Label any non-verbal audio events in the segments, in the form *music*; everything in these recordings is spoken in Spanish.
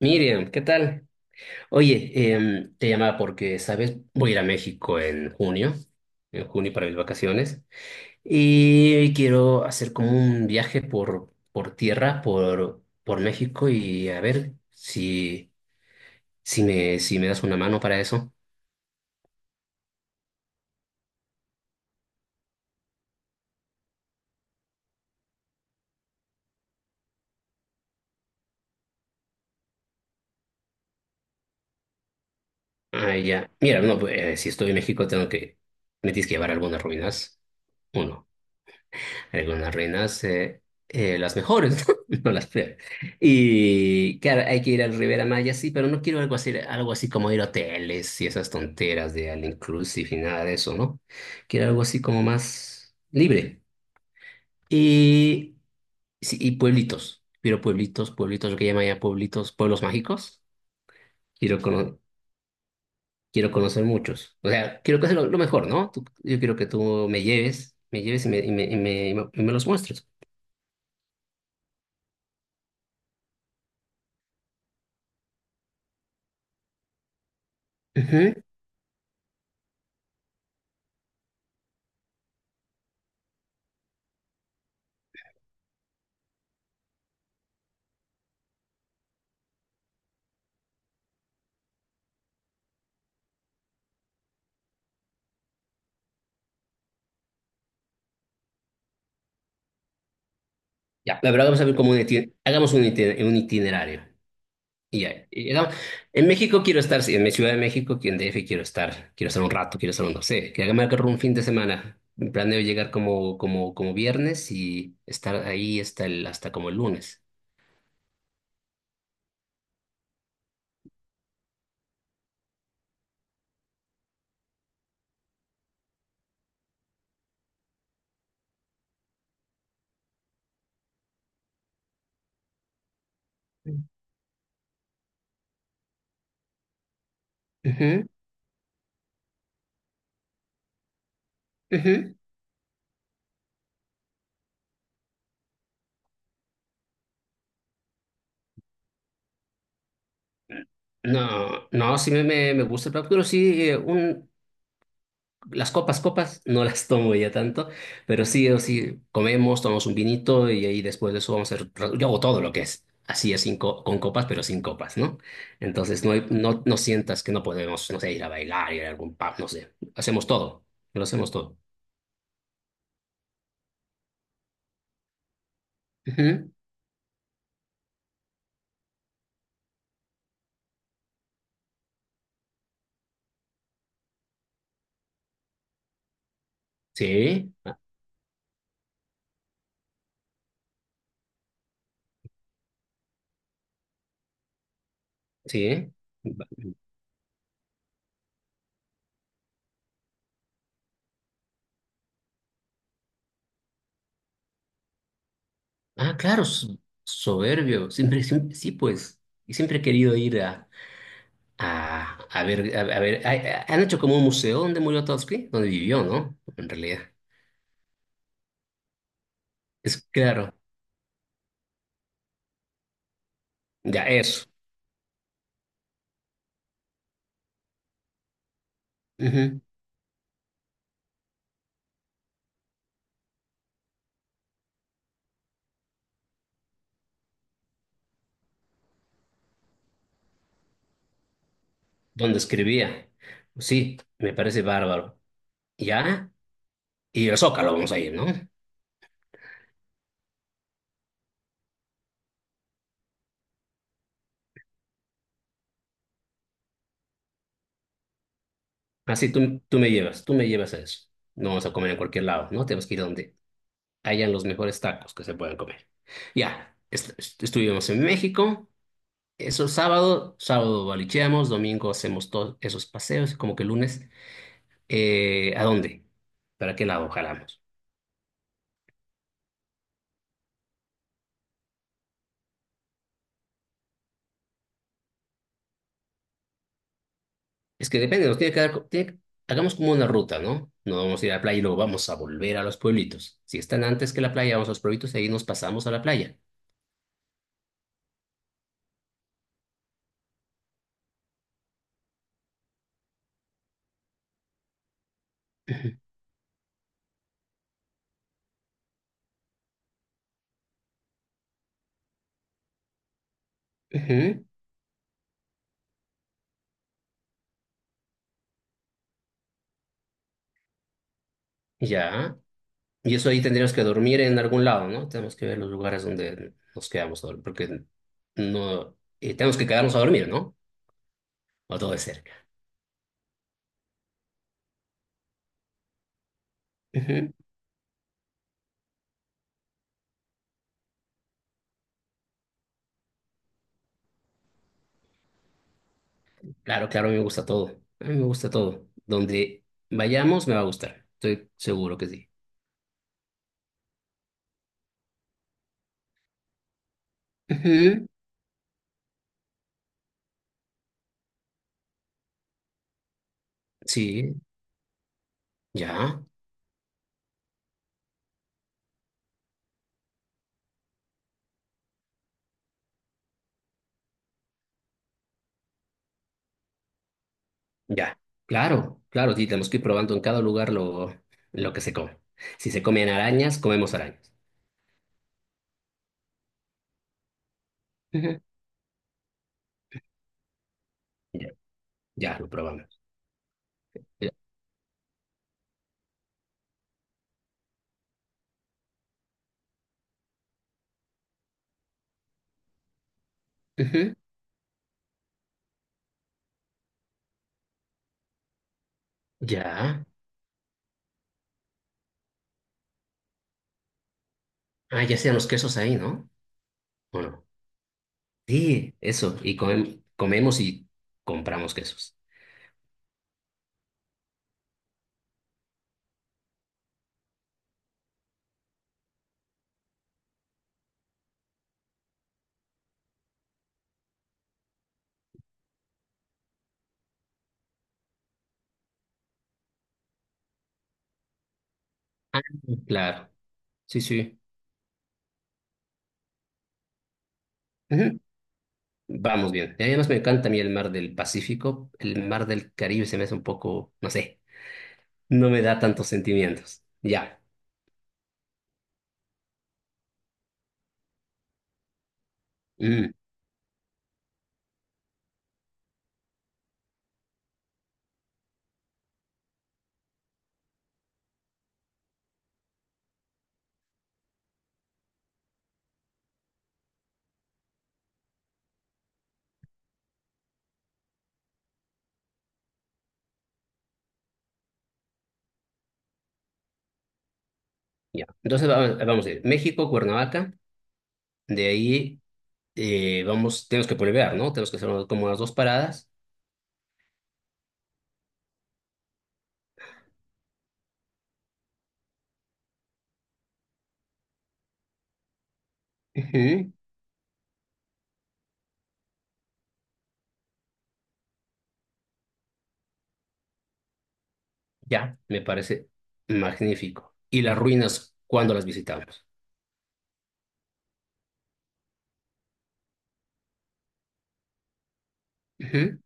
Miriam, ¿qué tal? Oye, te llamaba porque, ¿sabes? Voy a ir a México en junio para mis vacaciones, y quiero hacer como un viaje por tierra, por México, y a ver si me das una mano para eso. Ah, ya. Mira, no, pues, si estoy en México me tienes que llevar algunas ruinas. Algunas reinas, las mejores, *laughs* ¿no? No las peores. Y claro, hay que ir al Rivera Maya, sí, pero no quiero algo así, como ir a hoteles y esas tonteras de all inclusive y nada de eso, ¿no? Quiero algo así como más libre. Y, sí, y pueblitos. Quiero pueblitos, pueblitos, lo que llaman ya pueblitos, pueblos mágicos. Quiero, cono- Quiero conocer muchos. O sea, quiero conocer lo mejor, ¿no? Yo quiero que tú me lleves y me los muestres. Ujú. Ya, pero vamos a ver como hagamos un itinerario. Y ya, y hagamos- en México quiero estar, sí, en mi Ciudad de México, aquí en DF quiero estar un rato, quiero estar un, no sé, que hagamos un fin de semana. Planeo llegar como viernes y estar ahí hasta como el lunes. Ujú, ujú. No, no, sí me gusta el plan, pero sí, Las copas, copas, no las tomo ya tanto, pero sí o sí comemos, tomamos un vinito y ahí después de eso vamos a hacer, yo hago todo lo que es, así es sin co- con copas, pero sin copas, ¿no? Entonces no, no sientas que no podemos, no sé, ir a bailar, ir a algún pub, no sé, hacemos todo, lo hacemos todo. Ujú. Sí, ah, sí. Ah, claro, soberbio, sí, pues, y siempre he querido ir a ver, han hecho como un museo donde murió Trotsky, donde vivió, ¿no? En realidad. Es claro, ya eso. Ujú. Donde escribía. Pues sí, me parece bárbaro. Ya, y el Zócalo vamos a ir, ¿no? Así tú me llevas a eso. No vamos a comer en cualquier lado, ¿no? Tenemos que ir donde hayan los mejores tacos que se puedan comer. Ya, estuvimos en México. Eso es sábado. Sábado balicheamos, domingo hacemos todos esos paseos, como que lunes. ¿A dónde? ¿Para qué lado jalamos? Es que depende, nos tiene que dar, tiene que- hagamos como una ruta, ¿no? No vamos a ir a la playa y luego vamos a volver a los pueblitos. Si están antes que la playa, vamos a los pueblitos y ahí nos pasamos a la playa. Ujú, ujú. Ya. Y eso ahí tendríamos que dormir en algún lado, ¿no? Tenemos que ver los lugares donde nos quedamos a dormir, porque no, tenemos que quedarnos a dormir, ¿no? O todo de cerca. Ujú. Claro, claro, me gusta todo. A mí me gusta todo. Donde vayamos me va a gustar. Estoy seguro que sí. Ujú. Sí, ya. Ya, claro, claro, sí, tenemos que ir probando en cada lugar lo que se come. Si se comen arañas, comemos arañas. Ujú. Ya, ya, lo probamos. Ya. Ujú. Ya. Ah, ya sean los quesos ahí, ¿no? ¿O no? Sí, eso, y comemos y compramos quesos. Ah, claro, sí, sí. Ujú. Vamos bien. Y además me encanta a mí el mar del Pacífico, el mar del Caribe se me hace un poco, no sé, no me da tantos sentimientos. Ya. Mm. Ya. Entonces vamos a ir México, Cuernavaca, de ahí vamos, tenemos que volver, ¿no? Tenemos que hacer como unas dos paradas. Ujú. Ya, me parece magnífico. ¿Y las ruinas, cuándo las visitamos? Ujú.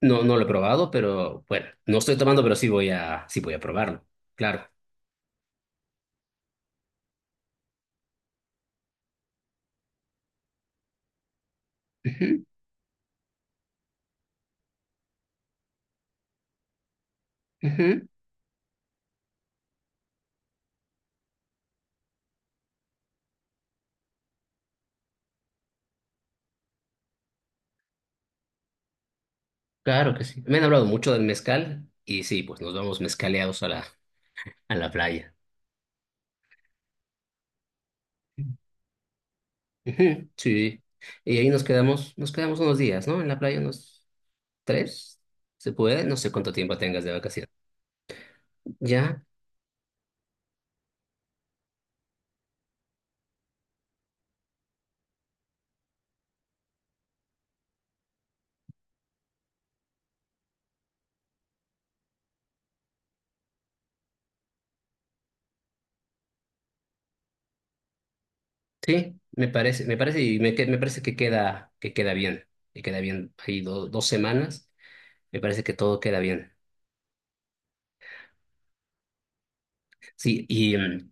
No, no lo he probado, pero bueno, no estoy tomando, pero sí voy a probarlo. Claro. Ujú, ujú. Claro que sí. Me han hablado mucho del mezcal y sí, pues nos vamos mezcaleados a a la playa. Ujú. Sí. Y ahí nos quedamos unos días, ¿no? En la playa ¿Tres? ¿Se puede? No sé cuánto tiempo tengas de vacaciones. Ya, sí, me parece, me parece que que queda bien, que queda bien. Hay dos semanas, me parece que todo queda bien. Sí,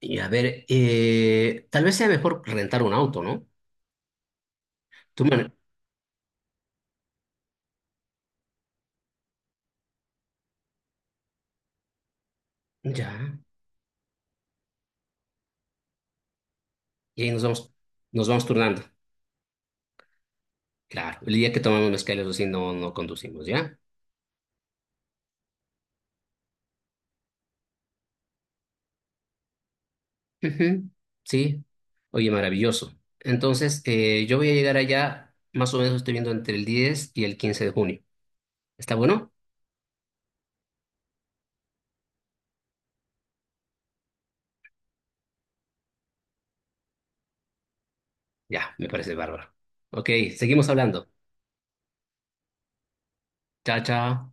y a ver, tal vez sea mejor rentar un auto, ¿no? Tú mane- ya, y ahí nos vamos, turnando. Claro, el día que tomamos mezcal, eso sí, no conducimos, ¿ya? Ujú. Sí, oye, maravilloso. Entonces, yo voy a llegar allá, más o menos estoy viendo entre el 10 y el 15 de junio. ¿Está bueno? Ya, me parece bárbaro. Ok, seguimos hablando. Chao, chao.